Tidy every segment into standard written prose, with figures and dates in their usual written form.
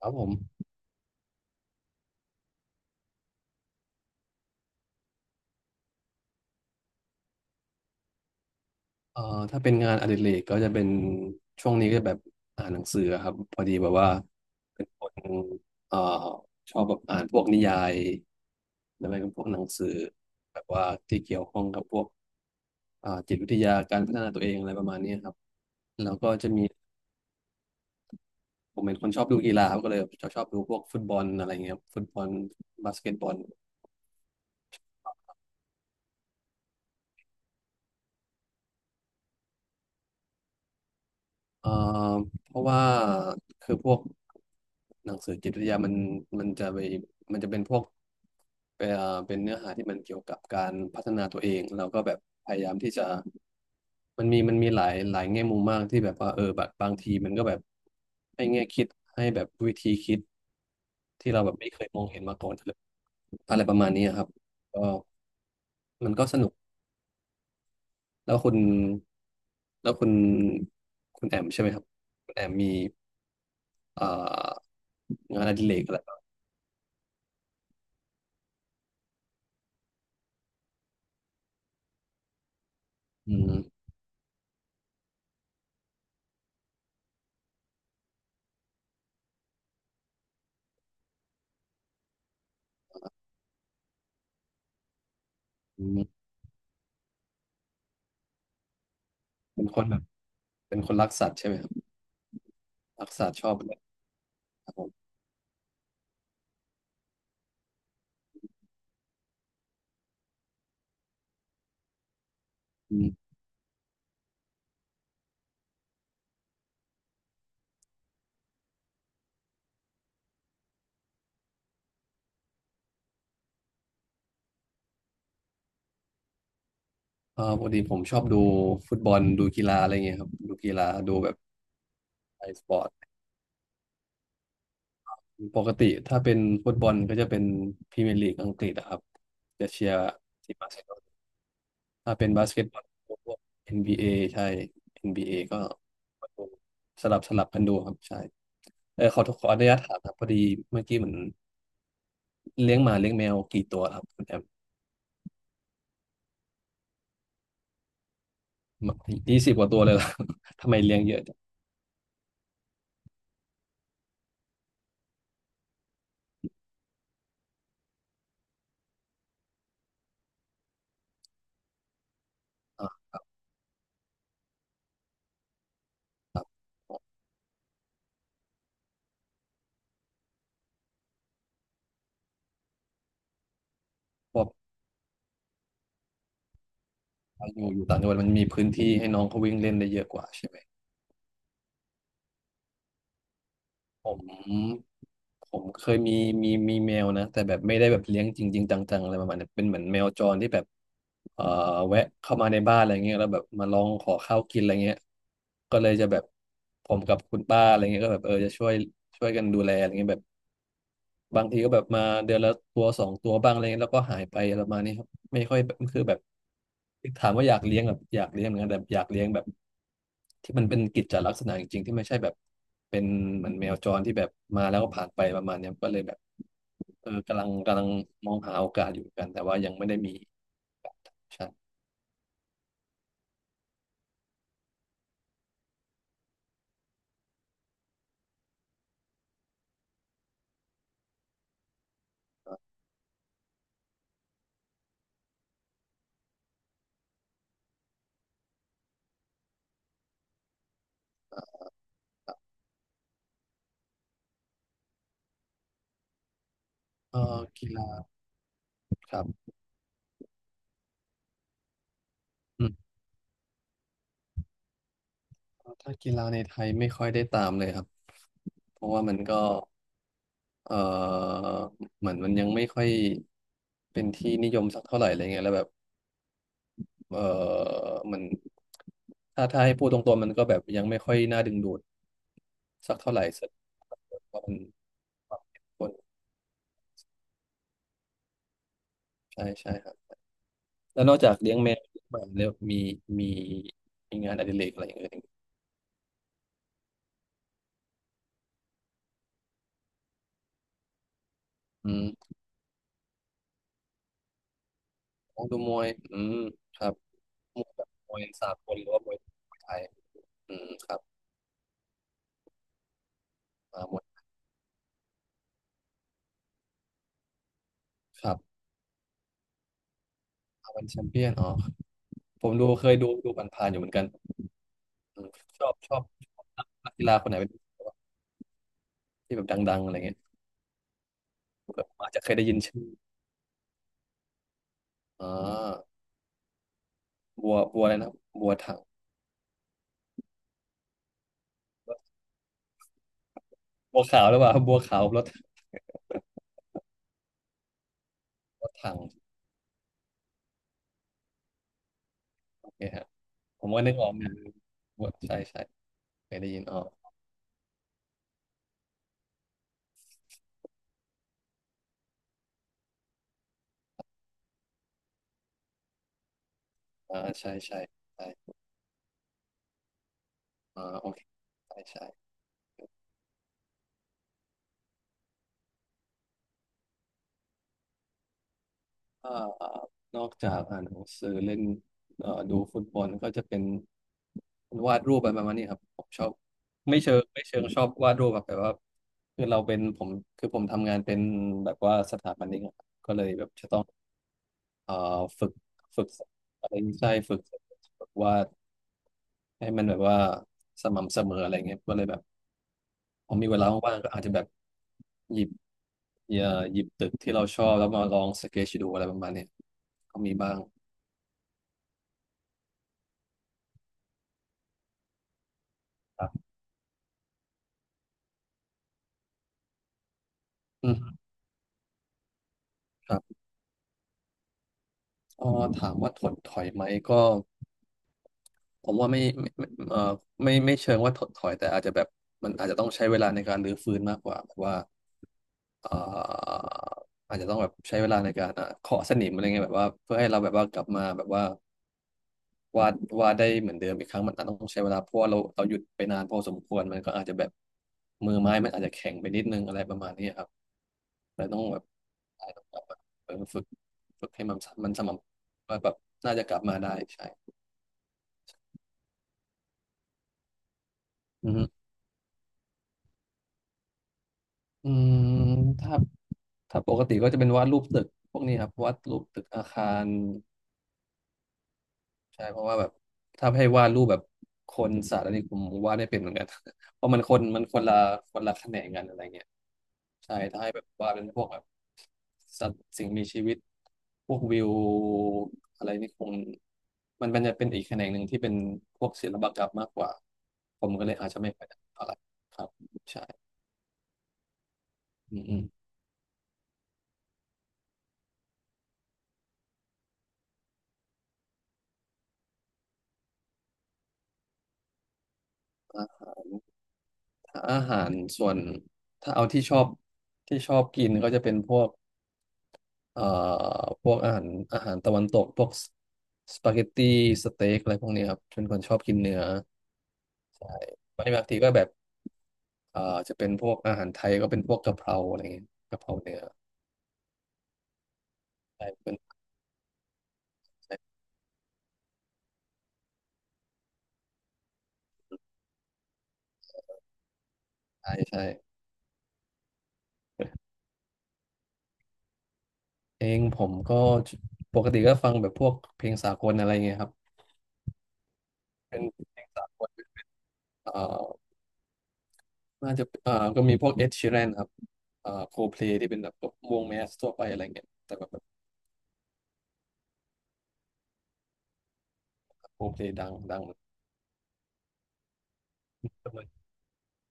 ครับผมเอ่อถ้าเป็นงานอดิเรกก็จะเป็นช่วงนี้ก็แบบอ่านหนังสือครับพอดีแบบว่าเป็นคนเอ่อชอบแบบอ่านพวกนิยายแล้วก็พวกหนังสือแบบว่าที่เกี่ยวข้องกับพวกจิตวิทยาการพัฒนาตัวเองอะไรประมาณนี้ครับแล้วก็จะมีผมเป็นคนชอบดูกีฬาครับก็เลยชอบดูพวกฟุตบอลอะไรเงี้ยครับฟุตบอลบาสเกตบอล เอ่อเพราะว่าคือพวกหนังสือจิตวิทยามันจะไปมันจะเป็นพวกเอ่อเป็นเนื้อหาที่มันเกี่ยวกับการพัฒนาตัวเองเราก็แบบพยายามที่จะมันมีหลายหลายแง่มุมมากที่แบบว่าเออแบบบางทีมันก็แบบให้แง่คิดให้แบบวิธีคิดที่เราแบบไม่เคยมองเห็นมาก่อนเลยอะไรประมาณนี้ครับก็มันก็สนุกแล้วคุณแล้วคุณคุณแอมใช่ไหมครับคุณแอมมี เอ่องานอดิเรกอะไรบ้างอืมอืมเป็นคนแบบเป็นคนรักสัตว์ใช่ไหมครับรักสัตว์ชอบเลยครับผมอืมปกติผมชอบดูฟุตบอลดูกีฬาอะไรเงี้ยครับดูกีฬาดูแบบไอสปอร์ตปกติถ้าเป็นฟุตบอลก็จะเป็นพรีเมียร์ลีกอังกฤษนะครับจะเชียร์ทีมบาร์เซโลนาถ้าเป็นบาสเกตบอลพวก NBA ใช่เอ็นบีเอก็ดูสลับกันดูครับใช่เออขออนุญาตถามครับพอดีเมื่อกี้เหมือนเลี้ยงหมาเลี้ยงแมวกี่ตัวครับคุณแอม 20กว่าตัวเลยล่ะ ทำไมเลี้ยงเยอะจังอ่าครับผมเพวกอยู่ต่างจังหวัดมันมีพื้นที่ให้น้องเขาวิ่งเล่นได้เยอะกว่าใช่ไหมผมผมเคยมีแมวนะแต่แบบไม่ได้แบบเลี้ยงจริงๆจังๆอะไรประมาณเนี้ยเป็นเหมือนแมวจรที่แบบเอ่อแวะเข้ามาในบ้านอะไรเงี้ยแล้วแบบมาลองขอข้าวกินอะไรเงี้ยก็เลยจะแบบผมกับคุณป้าอะไรเงี้ยก็แบบเออจะช่วยกันดูแลอะไรเงี้ยแบบ บางทีก็แบบมาเดือนละตัวสองตัวบ้างอะไรเงี้ยแล้วก็หายไปอะไรประมาณนี้ครับไม่ค่อยแบบคือแบบถามว่าอยากเลี้ยงแบบอยากเลี้ยงเหมือนกันแต่อยากเลี้ยงแบบที่มันเป็นกิจจลักษณะจริงๆที่ไม่ใช่แบบเป็นเหมือนแมวจรที่แบบมาแล้วก็ผ่านไปประมาณเนี้ยก็เลยแบบเออกำลังมองหาโอกาสอยู่เหมือนกันแต่ว่ายังไม่ได้มีใช่เออกีฬาครับอืมถ้ากีฬาในไทยไม่ค่อยได้ตามเลยครับเพราะว่ามันก็ เอ่อเหมือนมันยังไม่ค่อยเป็นที่นิยมสักเท่าไหร่อะไรเงี้ยแล้วแบบเอ่อมันถ้าให้พูดตรงๆมันก็แบบยังไม่ค่อยน่าดึงดูดสักเท่าไหร่สักเพราะมันความเข้มข้นใช่ใช่ครับแล้วนอกจากเลี้ยงแมวเลี้ยงหมาแล้วมีมีมีงานอดิเรกอะไรอย่างอื่นอีกอืมของดูมวยอืมครับมวยแบบมวยสากลหรือว่ามวยไทยอืมครับอ่ามวยครับอาวันแชมเปี้ยนอ๋อผมดูเคยดูผ่านๆอยู่เหมือนกัน อืมชอบนักกีฬาคนไหนเป็นที่แบบดังๆอะไรเงี้ยแบบอาจจะเคยได้ยินชื่ออ่าบัวอะไรนะ บัวถังบัวขาวหรือเปล่าบัวขาวรถถังโอเคฮะผมก็นึกออกนะบัวใช่ใช่เคยได้ยินอ๋ออ่าใช่ใช่ใช่อ่าโอเคใช่ใช่ เอ่อนอกจากอ่านหนังสือเล่นดูฟุตบอลก็จะเป็นวาดรูปอะไรประมาณนี้ครับผมชอบไม่เชิงชอบวาดรูปแบบแต่ว่าคือเราเป็นผมคือผมทำงานเป็นแบบว่าสถาปนิกอะครับก็เลยแบบจะต้องเอ่อฝึกฝึกอะไรใช่ฝึกวาดให้มันแบบว่าสม่ำเสมออะไรเงี้ยก็เลยแบบพอมีเวลาว่างๆก็อาจจะแบบหยิบเอ่อหยิบตึกที่เราชอบแล้วมาลองสเก c h ดูอะไรประมาณเนี้ยก็มีบ้าง อืมครับเอ๋อถามว่าถดถอยไหมก็ผมว่าไม่ไม่ไม่ไม่เชิงว่าถดถอยแต่อาจจะแบบมันอาจจะต้องใช้เวลาในการรื้อฟื้นมากกว่าแบบว่าเอ่ออาจจะต้องแบบใช้เวลาในการเคาะสนิมอะไรเงี้ยแบบว่าเพื่อให้เราแบบว่ากลับมาแบบว่า วาดวาดได้เหมือนเดิมอีกครั้งมันอาจต้องใช้เวลาเพราะว่าเราหยุดไปนานพอสมควรมันก็อาจจะแบบมือไม้มันอาจจะแข็งไปนิดนึงอะไรประมาณนี้ครับเราต้องแบบอาจจะต้องกลับมาเออฝึกฝึกให้มันมันสม่ำว่าแบบน่าจะกลับมาได้ใช่อือฮึอืมถ้าถ้าปกติก็จะเป็นวาดรูปตึกพวกนี้ครับวาดรูปตึกอาคาร ใช่เพราะว่าแบบถ้าให้วาดรูปแบบคนสัตว์อะไรผมวาดไม่เป็นเหมือนกัน เพราะมันคนมันคนละคนละแขนงกันอะไรเงี้ยใช่ถ้าให้แบบวาดเป็นพวกแบบสัตว์สิ่งมีชีวิตพวกวิวอะไรนี่คงมันเป็นจะเป็นอีกแขนงหนึ่งที่เป็นพวกศิลปกรรมมากกว่าผมก็เลยอาจจะไม่ค่อยได้เท่าไหร่ครับใช่อืมอืมอ่ะถ้าอาหารส่วนถ้าเอาที่ชอบที่ชอบกินก็จะเป็นพวก เอ่อพวกอาหารอาหารตะวันตกพวกสปาเกตตี้สเต็กอะไรพวกนี้ครับเป็นคนชอบกินเนื้อใช่บางทีก็แบบเอ่อจะเป็นพวกอาหารไทยก็เป็นพวกกะเพราอะไรเงี้ยกะเพราเนื้อใช่เป็นใช่ใช่ใช่เองผมก็ปกติก็ฟังแบบพวกเพลงสากลอะไรเงี้ยครับเป็นเพลงสากลเอ่อน่าจะก็มีพวกเอ็ดชีแรนครับโคเพลที่เป็นแบบวงแมสทั่วไปอะไรเงี้ยแต่แบบโคเพลดังดังเหมือนกั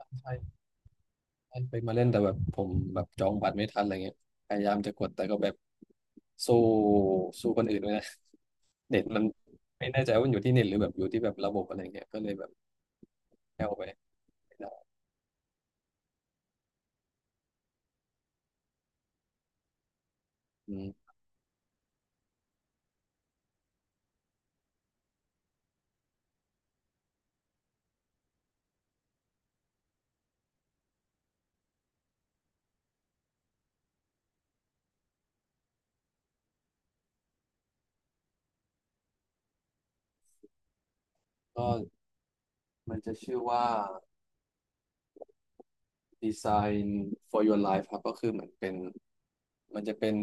นใช่ ไปมาเล่นแต่แบบผมแบบจองบัตรไม่ทันอะไรเงี้ยพยายามจะกดแต่ก็แบบสู้สู้คนอื่นไม่ได้ เน็ตมันไม่แน่ใจว่ามันอยู่ที่เน็ตหรือแบบอยู่ที่แบบระบบอะไรเงี้ยก็เลยแบบแอวไปไม่ได้อืมก็มันจะชื่อว่า Design for Your Life ครับก็คือเหมือนเป็น มันจะเป็น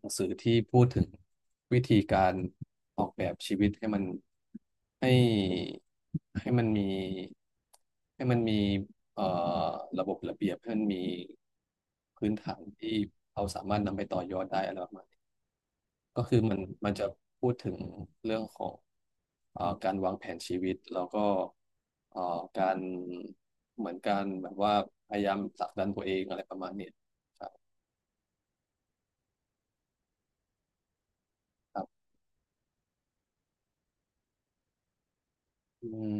หนังสือที่พูดถึงวิธีการออกแบบชีวิตให้มันให้ให้มันมีให้มันมีเอ่อระบบระเบียบให้มันมีพื้นฐานที่เราสามารถนำไปต่อยอดได้อะไรประมาณนี้ก็คือมันมันจะพูดถึงเรื่องของการวางแผนชีวิตแล้วก็เอ่อการเหมือนการแบบว่าพยายามผลักดันตัวเองอะไรประมาณเนี้ยครับ อืม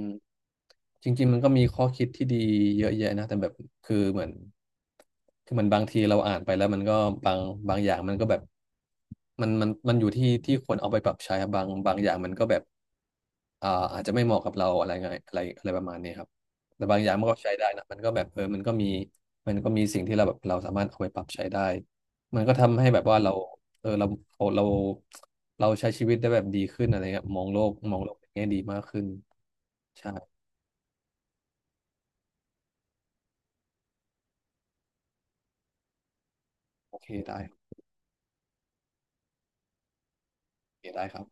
จริงๆมันก็มีข้อคิดที่ดีเยอะแยะนะแต่แบบคือเหมือนคือมันบางทีเราอ่านไปแล้วมันก็บางบางอย่างมันก็แบบมันอยู่ที่ที่คนเอาไปปรับใช้ครับบางอย่างมันก็แบบอาจจะไม่เหมาะกับเราอะไรเงี้ยอะไรอะไรประมาณนี้ครับแต่บางอย่างมันก็ใช้ได้นะมันก็แบบเออมันก็มีมันก็มีสิ่งที่เราแบบเราสามารถเอาไปปรับใช้ได้มันก็ทำให้แบบว่าเราเออเราเราเราใช้ชีวิตได้แบบดีขึ้นอะไรเงี้ยมองโลกมองโลกในแง่ดีมากขึ้นใช่ โอเคได้โอเคได้ครับ